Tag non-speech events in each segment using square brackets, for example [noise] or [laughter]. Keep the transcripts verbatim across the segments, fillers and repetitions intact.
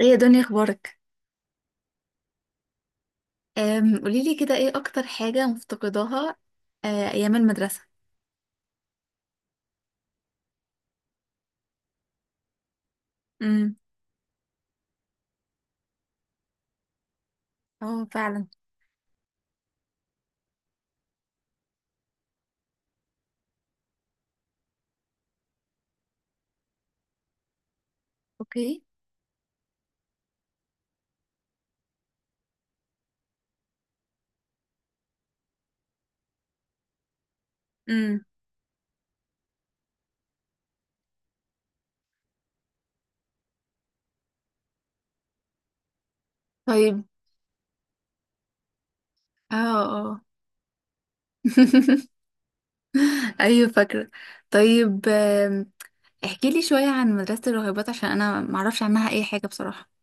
ايه يا دنيا اخبارك؟ أم، قوليلي كده، ايه اكتر حاجة مفتقداها؟ آه، ايام المدرسة. امم. اه، فعلا. اوكي. امم. طيب. اه. اه. [laughs] ايوه، فاكرة. طيب، أم، احكيلي شوية عن مدرسة الراهبات، عشان انا معرفش عنها اي حاجة بصراحة.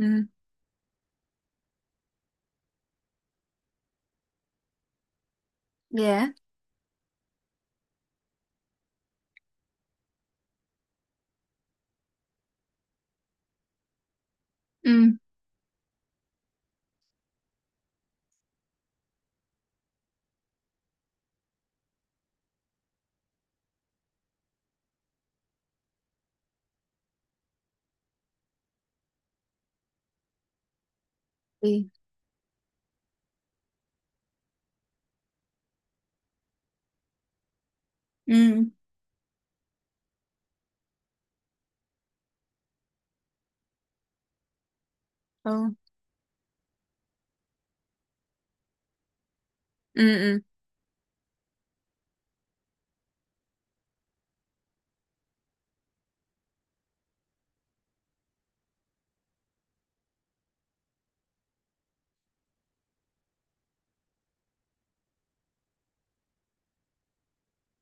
امم. ياه. امم. ايه. امم. اه. امم.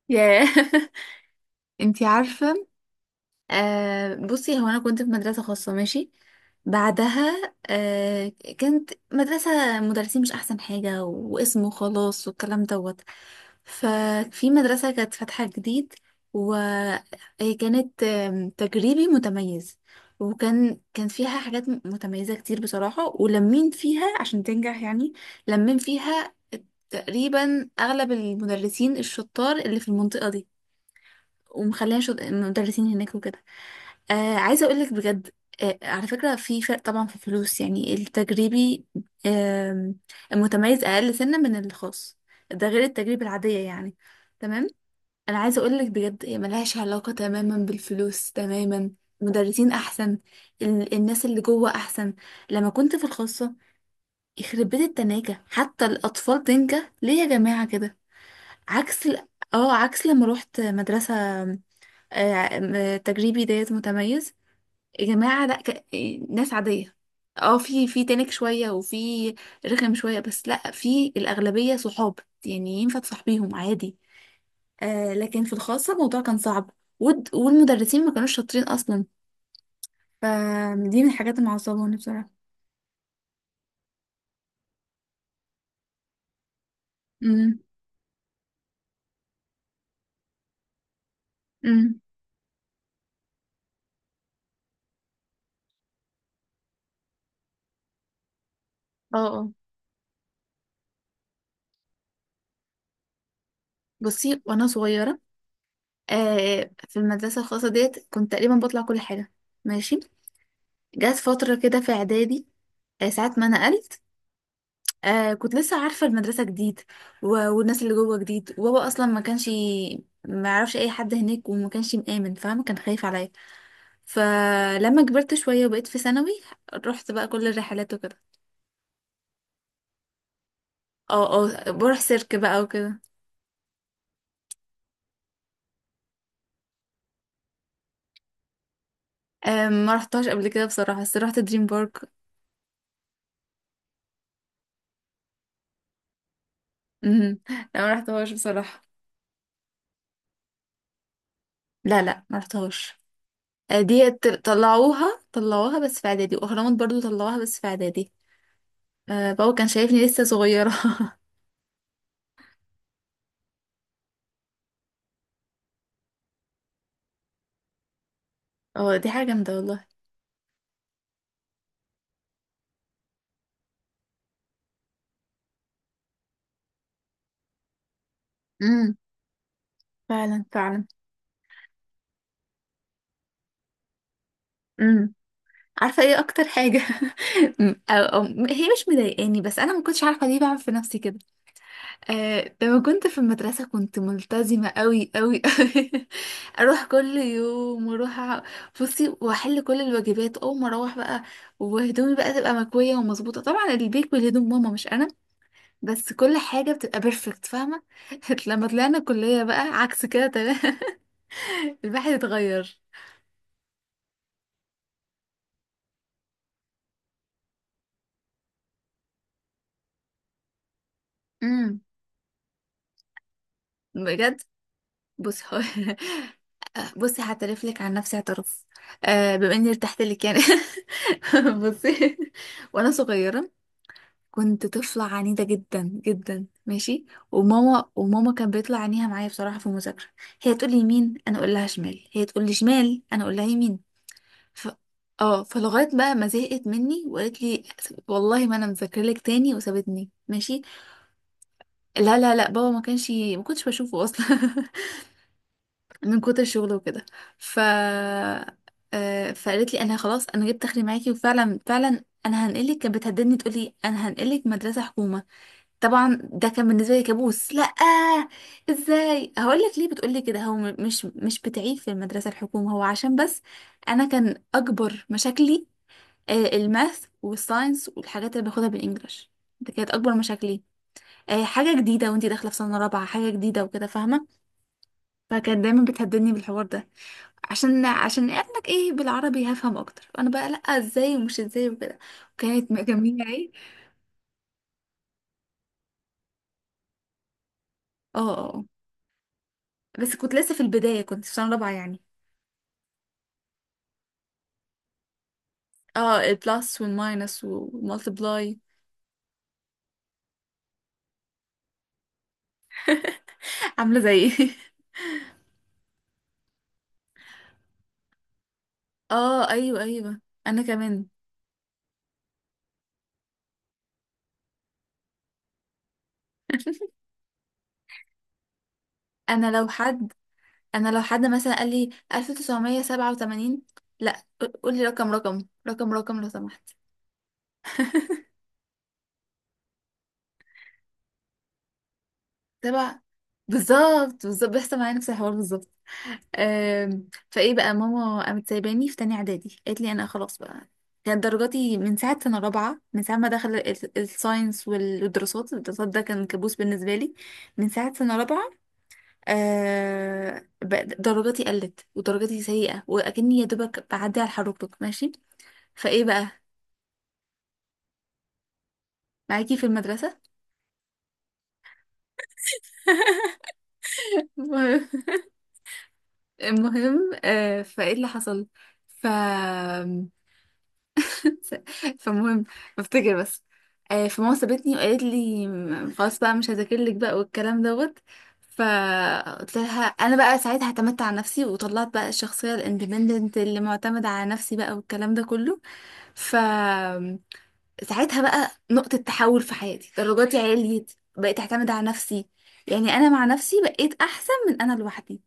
ياه. [laughs] انتي عارفة؟ آه، بصي، هو انا كنت في مدرسه خاصه، ماشي. بعدها آه كانت مدرسه مدرسين مش احسن حاجه، واسمه خلاص والكلام دوت. ففي مدرسه كانت فاتحه جديد، وكانت آم، تجريبي متميز. وكان كان فيها حاجات م- متميزه كتير بصراحه، ولمين فيها عشان تنجح يعني. لمين فيها؟ تقريبا اغلب المدرسين الشطار اللي في المنطقه دي. ومخليها شط... مدرسين هناك وكده. آه، عايزة أقولك بجد، آه، على فكرة في فرق طبعا في الفلوس، يعني التجريبي، آه، المتميز أقل سنة من الخاص، ده غير التجربة العادية يعني. تمام. أنا عايزة أقولك بجد، هي ملهاش علاقة تماما بالفلوس، تماما. مدرسين أحسن. ال الناس اللي جوه أحسن. لما كنت في الخاصة، يخرب بيت التناجة، حتى الأطفال تنجح ليه يا جماعة كده؟ عكس ال- اه عكس لما روحت مدرسة، آه، آه، تجريبي ديت متميز. يا جماعة، لا ك... ناس عادية. اه في في تنك شوية، وفي رخم شوية، بس لا، في الأغلبية صحاب. يعني ينفع تصاحبيهم عادي. آه، لكن في الخاصة الموضوع كان صعب. والد... والمدرسين ما كانوش شاطرين أصلا. فدي من الحاجات اللي معصباني بصراحة. امم. امم. اه. اه. بصي، وأنا صغيرة، آه، في المدرسة الخاصة ديت كنت تقريبا بطلع كل حاجة، ماشي. جات فترة كده في إعدادي، آه ساعات ما نقلت، آه كنت لسه عارفة المدرسة جديد، و... والناس اللي جوه جديد، وبابا أصلا ما كانش ي- ما يعرفش أي حد هناك، وما كانش مآمن، فاهمة؟ كان خايف عليا. فلما كبرت شوية وبقيت في ثانوي، رحت بقى كل الرحلات وكده. اه. اه، بروح سيرك بقى وكده. آه، ما رحتهاش قبل كده بصراحة، بس رحت دريم بارك. مهم. لا، ما رحتهاش بصراحة. لا، لا، ما رحتهاش. آه، دي ت- طلعوها طلعوها بس في إعدادي، وأهرامات برضو طلعوها بس في إعدادي. آه، بابا كان شايفني لسه صغيرة. [laughs] اه، دي حاجة جامدة. والله، فعلا فعلا. امم. عارفه ايه اكتر حاجه؟ [laughs] أم- أو أو هي مش مضايقاني، بس انا ما كنتش عارفه ليه بعمل في نفسي كده. آه، لما كنت في المدرسه كنت ملتزمه قوي قوي قوي. [laughs] اروح كل يوم، واروح، أع- بصي، واحل كل الواجبات اول ما اروح بقى، وهدومي بقى تبقى مكويه ومظبوطه، طبعا البيك بالهدوم ماما مش انا، بس كل حاجه بتبقى بيرفكت، فاهمه؟ [laughs] لما طلعنا كليه بقى عكس كده تمام. [laughs] الواحد اتغير. امم. بجد. بص، هو [laughs] بصي، هعترف لك عن نفسي اعتراف، آه، بما اني ارتحت لك يعني. [laughs] بصي، وانا صغيره كنت طفله عنيده جدا جدا، ماشي. وماما وماما كان بيطلع عينيها معايا بصراحه في المذاكره. هي تقول لي يمين، انا اقول لها شمال. هي تقول لي شمال، انا اقول لها يمين. ف... اه فلغايه بقى ما زهقت مني وقالت لي، والله ما انا مذاكره لك تاني، وسابتني، ماشي. لا، لا، لا، بابا ما كانش ما كنتش بشوفه اصلا. [laughs] من كتر الشغل وكده. ف آه، فقالت لي، انا خلاص انا جبت اخري معاكي، وفعلا فعلا انا هنقلك. كانت بتهددني، تقول لي انا هنقلك مدرسه حكومه. طبعا ده كان بالنسبه لي كابوس. لا، ازاي هقول لك ليه بتقول لي كده، هو م- مش مش بتعيب في المدرسه الحكومه، هو عشان بس انا كان اكبر مشاكلي آه، الماث والساينس والحاجات اللي باخدها بالانجلش، ده كانت اكبر مشاكلي. آه، حاجه جديده وانتي داخله في سنه رابعه، حاجه جديده وكده، فاهمه؟ فكانت دايما بتهددني بالحوار ده. عشان عشان قال لك ايه بالعربي هفهم اكتر، انا بقى لا، ازاي ومش ازاي وكده. وكانت مجمعه ايه. اه. آه، آه. بس كنت لسه في البدايه، كنت في سنه رابعه يعني. اه، البلس والماينس والمالتبلاي. [laughs] عامله زي [laughs] اه، ايوه، ايوه. انا كمان. انا لو حد انا لو حد مثلا قال لي ألف تسعمية سبعة وثمانين، لا، قول لي رقم رقم، رقم رقم لو سمحت. [laughs] تبع. بالظبط بالظبط بيحصل معايا نفس الحوار بالظبط. آم، فايه بقى، ماما قامت سايباني في تانية اعدادي، قالت لي انا خلاص بقى. كانت درجاتي من ساعة سنة رابعة، من ساعة ما دخل ال- الساينس والدراسات، الدراسات ده كان كابوس بالنسبة لي من ساعة سنة رابعة. آه بقى درجاتي قلت، ودرجاتي سيئة، وأكني يا دوبك بعدي على الحركرك، ماشي. فايه بقى. معاكي في المدرسة. [laughs] المهم. المهم، آه فايه اللي حصل، ف [laughs] فالمهم، بفتكر بس، آه، فماما سابتني وقالت لي، م- خلاص بقى مش هذاكر لك بقى والكلام دوت. فقلت لها انا بقى ساعتها اعتمدت على نفسي، وطلعت بقى الشخصيه الاندبندنت اللي معتمده على نفسي بقى والكلام ده كله. ف ساعتها بقى نقطة تحول في حياتي، درجاتي عليت، بقيت اعتمد على نفسي، يعني انا مع نفسي بقيت احسن من انا لوحدي.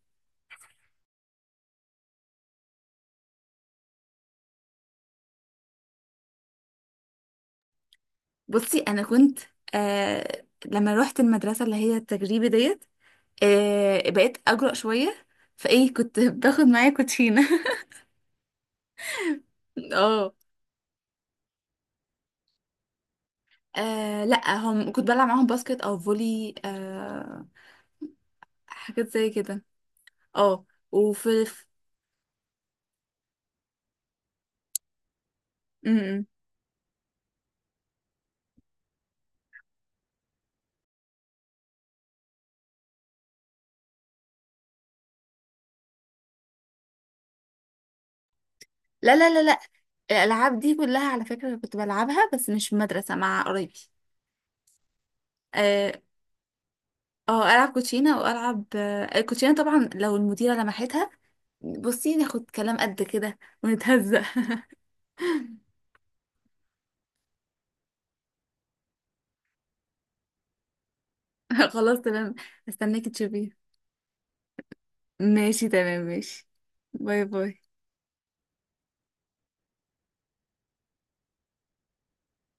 بصي انا كنت، آه لما روحت المدرسة اللي هي التجريبي ديت، آه بقيت اجرأ شويه، فايه كنت [laughs] باخد معايا كوتشينه. [laughs] اه. آه، لا، هم كنت بلعب معاهم باسكت او فولي، آه، حاجات زي كده. اه. وفي في- م- م. لا، لا، لا، لا، الالعاب دي كلها على فكره كنت بلعبها، بس مش في المدرسه مع قرايبي. اه. آه، العب كوتشينه، والعب آه، الكوتشينه طبعا لو المديره لمحتها، بصي ناخد كلام قد كده ونتهزق. [laughs] خلاص تمام. استناكي تشوفي. ماشي تمام ماشي. باي باي.